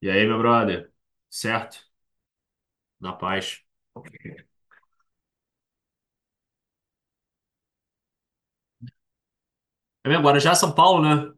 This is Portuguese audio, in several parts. E aí, meu brother? Certo? Na paz. É mesmo, agora já é São Paulo, né?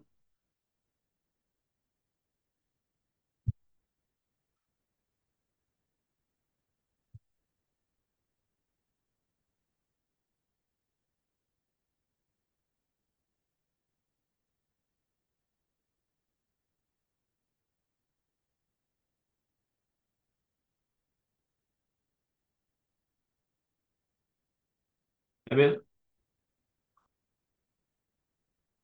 É mesmo?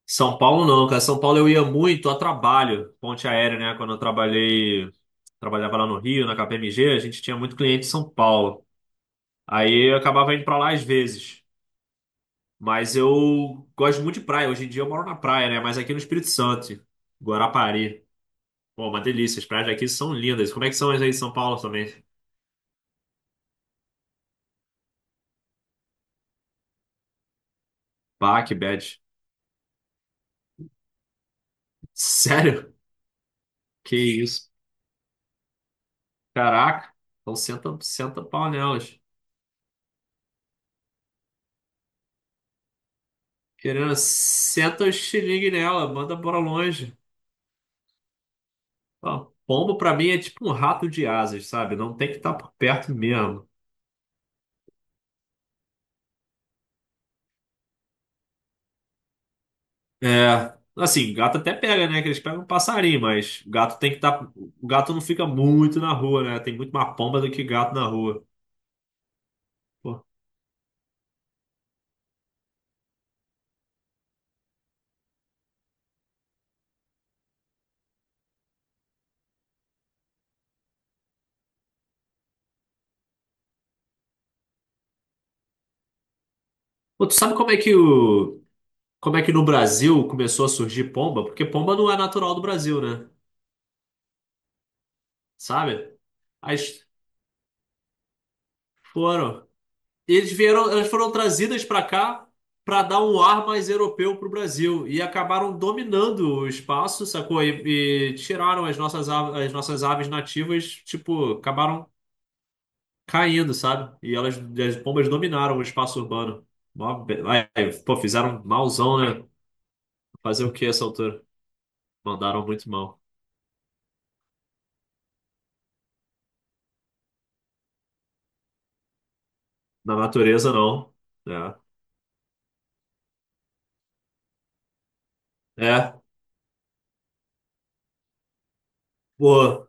São Paulo não, cara. São Paulo eu ia muito a trabalho, ponte aérea, né? Quando eu trabalhava lá no Rio, na KPMG, a gente tinha muito cliente em São Paulo. Aí eu acabava indo pra lá às vezes. Mas eu gosto muito de praia. Hoje em dia eu moro na praia, né? Mas aqui no Espírito Santo, Guarapari. Pô, uma delícia. As praias daqui são lindas. Como é que são as aí em São Paulo também? Bah, que bad. Sério? Que isso? Caraca, então senta pau nelas. Querendo, senta o xilingue nela, manda pra longe. Ó, pombo pra mim é tipo um rato de asas, sabe? Não tem que estar por perto mesmo. É, assim, gato até pega, né? Que eles pegam um passarinho, mas gato tem que estar. O gato não fica muito na rua, né? Tem muito mais pomba do que gato na rua. Pô. Pô, tu sabe como é que o. Como é que no Brasil começou a surgir pomba? Porque pomba não é natural do Brasil, né? Sabe? Aí foram. Eles vieram, elas foram trazidas para cá para dar um ar mais europeu para o Brasil e acabaram dominando o espaço, sacou? E tiraram as nossas aves nativas, tipo, acabaram caindo, sabe? E elas, as pombas dominaram o espaço urbano. Mó be- ai, Pô, fizeram malzão, né? Fazer o que essa altura? Mandaram muito mal. Na natureza, não. É. É. Pô.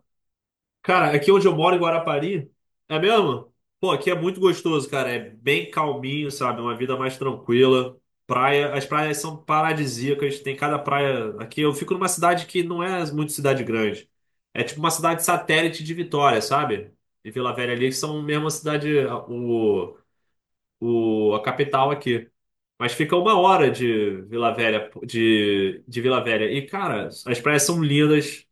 Cara, aqui onde eu moro, em Guarapari, é mesmo? Pô, aqui é muito gostoso, cara. É bem calminho, sabe? É uma vida mais tranquila. As praias são paradisíacas. Tem cada praia. Aqui eu fico numa cidade que não é muito cidade grande. É tipo uma cidade satélite de Vitória, sabe? E Vila Velha ali, que são mesmo a cidade, a capital aqui. Mas fica uma hora de Vila Velha. E, cara, as praias são lindas.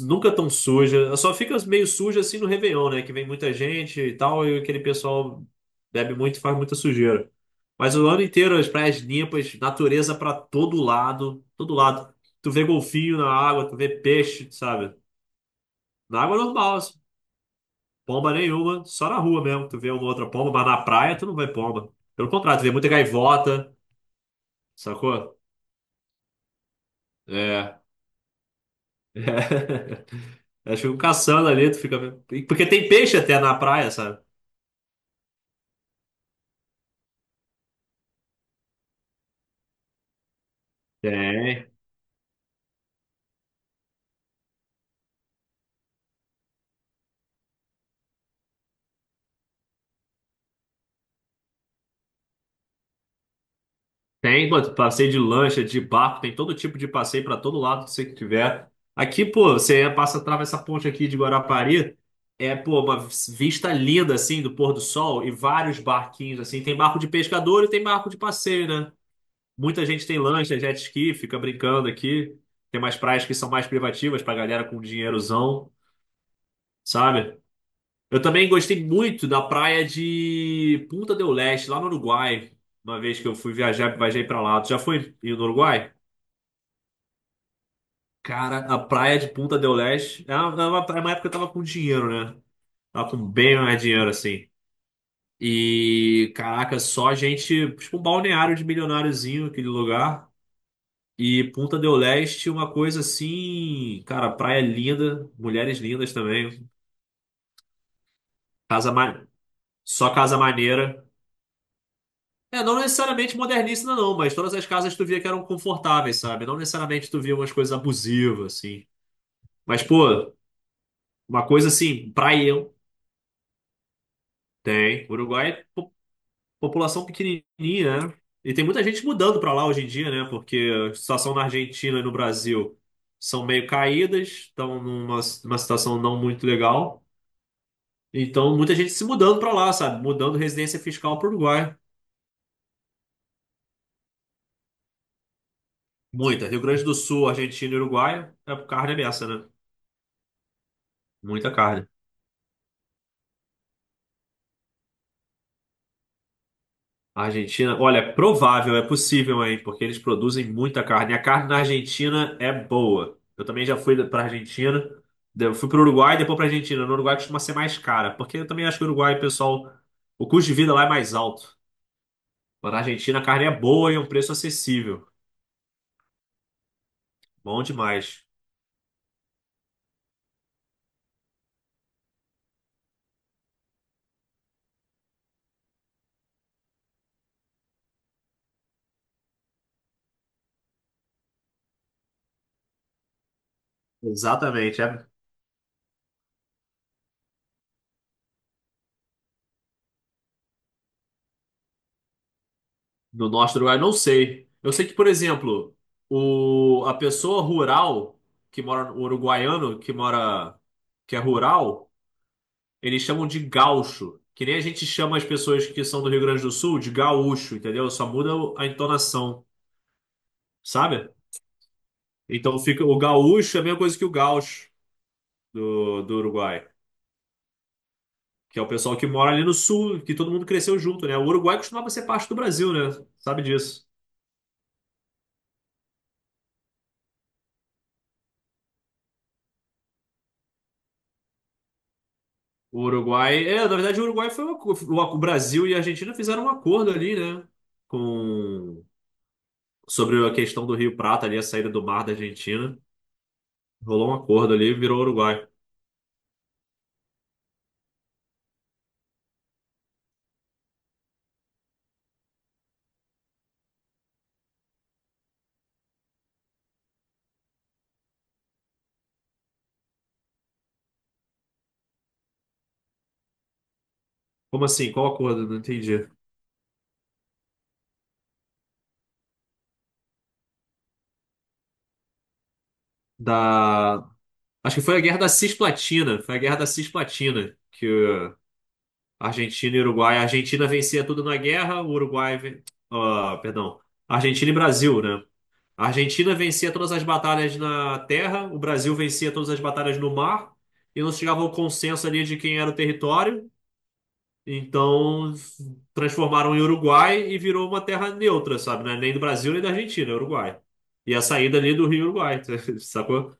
Nunca tão suja. Só fica meio suja assim no Réveillon, né? Que vem muita gente e tal, e aquele pessoal bebe muito e faz muita sujeira. Mas o ano inteiro as praias limpas, natureza pra todo lado, todo lado. Tu vê golfinho na água, tu vê peixe, sabe? Na água normal, assim. Pomba nenhuma, só na rua mesmo. Tu vê uma outra pomba, mas na praia tu não vê pomba. Pelo contrário, tu vê muita gaivota, sacou? É. É. Elas ficam caçando ali, tu fica vendo. Porque tem peixe até na praia, sabe? Tem. Tem, pô, passeio de lancha, de barco, tem todo tipo de passeio para todo lado que você tiver. Aqui, pô, você passa, atravessa essa ponte aqui de Guarapari, é, pô, uma vista linda, assim, do pôr do sol e vários barquinhos, assim. Tem barco de pescador e tem barco de passeio, né? Muita gente tem lancha, jet ski, fica brincando aqui. Tem umas praias que são mais privativas pra galera com dinheirozão, sabe? Eu também gostei muito da praia de Punta del Este, lá no Uruguai. Uma vez que eu fui viajar, viajei pra lá. Tu já foi no Uruguai? Cara, a praia de Punta del Este é uma, praia, uma época que eu tava com dinheiro, né? Tava com bem mais dinheiro, assim. E, caraca, só gente, tipo um balneário de milionáriozinho, aquele lugar. E Punta del Este, uma coisa assim, cara, praia linda, mulheres lindas também. Casa ma... Só casa maneira. É, não necessariamente modernista, não, mas todas as casas tu via que eram confortáveis, sabe? Não necessariamente tu via umas coisas abusivas, assim. Mas, pô, uma coisa assim, praião. Tem. Uruguai, população pequenininha, né? E tem muita gente mudando para lá hoje em dia, né? Porque a situação na Argentina e no Brasil são meio caídas, estão numa situação não muito legal. Então, muita gente se mudando para lá, sabe? Mudando residência fiscal para o Uruguai. Muita. Rio Grande do Sul, Argentina e Uruguai, é carne é beça, né? Muita carne. A Argentina, olha, é provável, é possível, hein? Porque eles produzem muita carne. A carne na Argentina é boa. Eu também já fui pra Argentina, eu fui pro Uruguai e depois pra Argentina. No Uruguai costuma ser mais cara, porque eu também acho que o Uruguai, pessoal, o custo de vida lá é mais alto. Mas na Argentina a carne é boa e é um preço acessível. Bom demais. Exatamente, é. No norte do Uruguai, não sei. Eu sei que, por exemplo, a pessoa rural que mora, o uruguaiano que mora, que é rural, eles chamam de gaúcho, que nem a gente chama as pessoas que são do Rio Grande do Sul de gaúcho, entendeu? Só muda a entonação, sabe? Então fica o gaúcho é a mesma coisa que o gaúcho do Uruguai, que é o pessoal que mora ali no sul, que todo mundo cresceu junto, né? O Uruguai costumava ser parte do Brasil, né? Sabe disso. O Uruguai, é, na verdade o Uruguai foi uma, o Brasil e a Argentina fizeram um acordo ali, né? Com Sobre a questão do Rio Prata ali, a saída do mar da Argentina. Rolou um acordo ali e virou Uruguai. Como assim? Qual acordo? Não entendi. Da. Acho que foi a Guerra da Cisplatina. Foi a Guerra da Cisplatina que Argentina e Uruguai. A Argentina vencia tudo na guerra, o Uruguai. Ah, perdão. Argentina e Brasil, né? A Argentina vencia todas as batalhas na terra, o Brasil vencia todas as batalhas no mar, e não se chegava ao consenso ali de quem era o território. Então transformaram em Uruguai e virou uma terra neutra, sabe? Né? Nem do Brasil nem da Argentina, é Uruguai. E a saída ali do Rio Uruguai, sacou?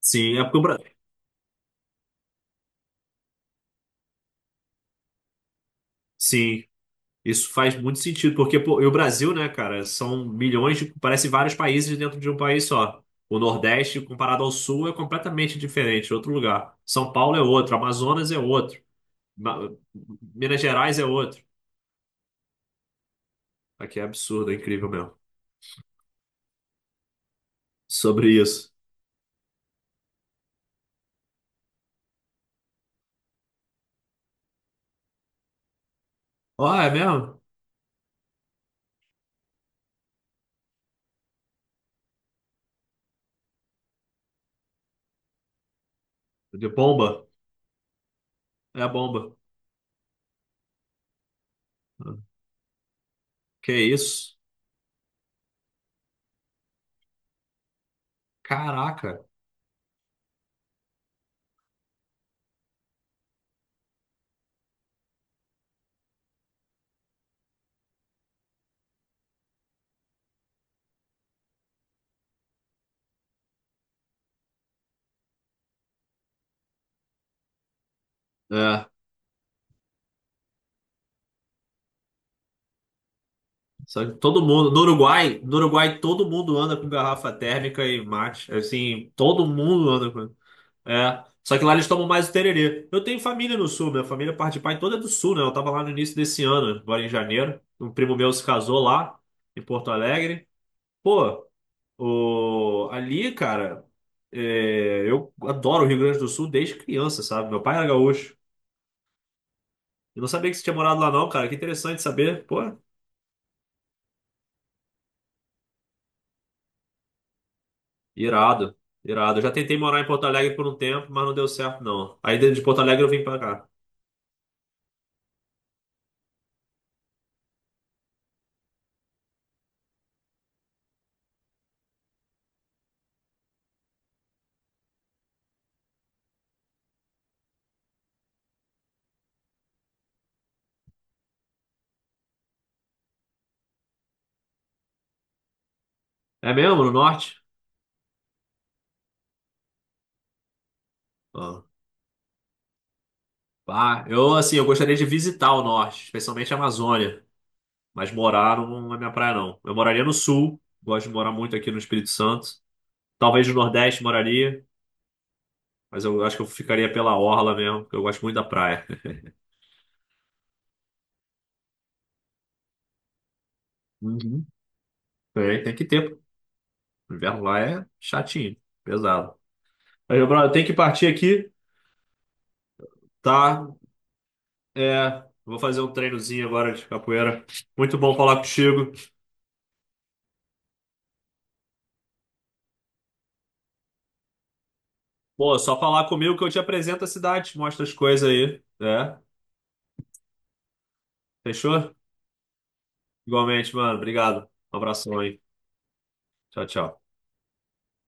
Sim, é porque o Brasil. Sim, isso faz muito sentido, porque pô, e o Brasil, né, cara, são milhões de. Parece vários países dentro de um país só. O Nordeste, comparado ao Sul, é completamente diferente, é outro lugar. São Paulo é outro, Amazonas é outro, Ma- Minas Gerais é outro. Aqui é absurdo, é incrível mesmo. Sobre isso. Ó, é mesmo? De bomba? É a bomba. Ah, que isso? Caraca. É. Só que todo mundo, no Uruguai, todo mundo anda com garrafa térmica e mate. Assim, todo mundo anda com. É. Só que lá eles tomam mais o tererê. Eu tenho família no sul, minha família parte de pai toda é do sul, né? Eu tava lá no início desse ano, agora em janeiro. Um primo meu se casou lá, em Porto Alegre. Pô, o... ali, cara, é, eu adoro o Rio Grande do Sul desde criança, sabe? Meu pai era gaúcho. Eu não sabia que você tinha morado lá, não, cara. Que interessante saber. Pô, irado, irado. Eu já tentei morar em Porto Alegre por um tempo, mas não deu certo, não. Aí de Porto Alegre eu vim pra cá. É mesmo? No norte? Ah, pá, eu assim, eu gostaria de visitar o norte, especialmente a Amazônia, mas morar não, não é minha praia, não. Eu moraria no sul, gosto de morar muito aqui no Espírito Santo. Talvez no Nordeste moraria, mas eu acho que eu ficaria pela orla mesmo, porque eu gosto muito da praia. Uhum. Tem que ter, pô. O inverno lá é chatinho, pesado. Aí, meu brother, eu tenho que partir aqui, tá? É, vou fazer um treinozinho agora de capoeira. Muito bom falar contigo. Pô, só falar comigo que eu te apresento a cidade, te mostro as coisas aí. É, fechou? Igualmente, mano. Obrigado. Um abração aí. Tchau, tchau.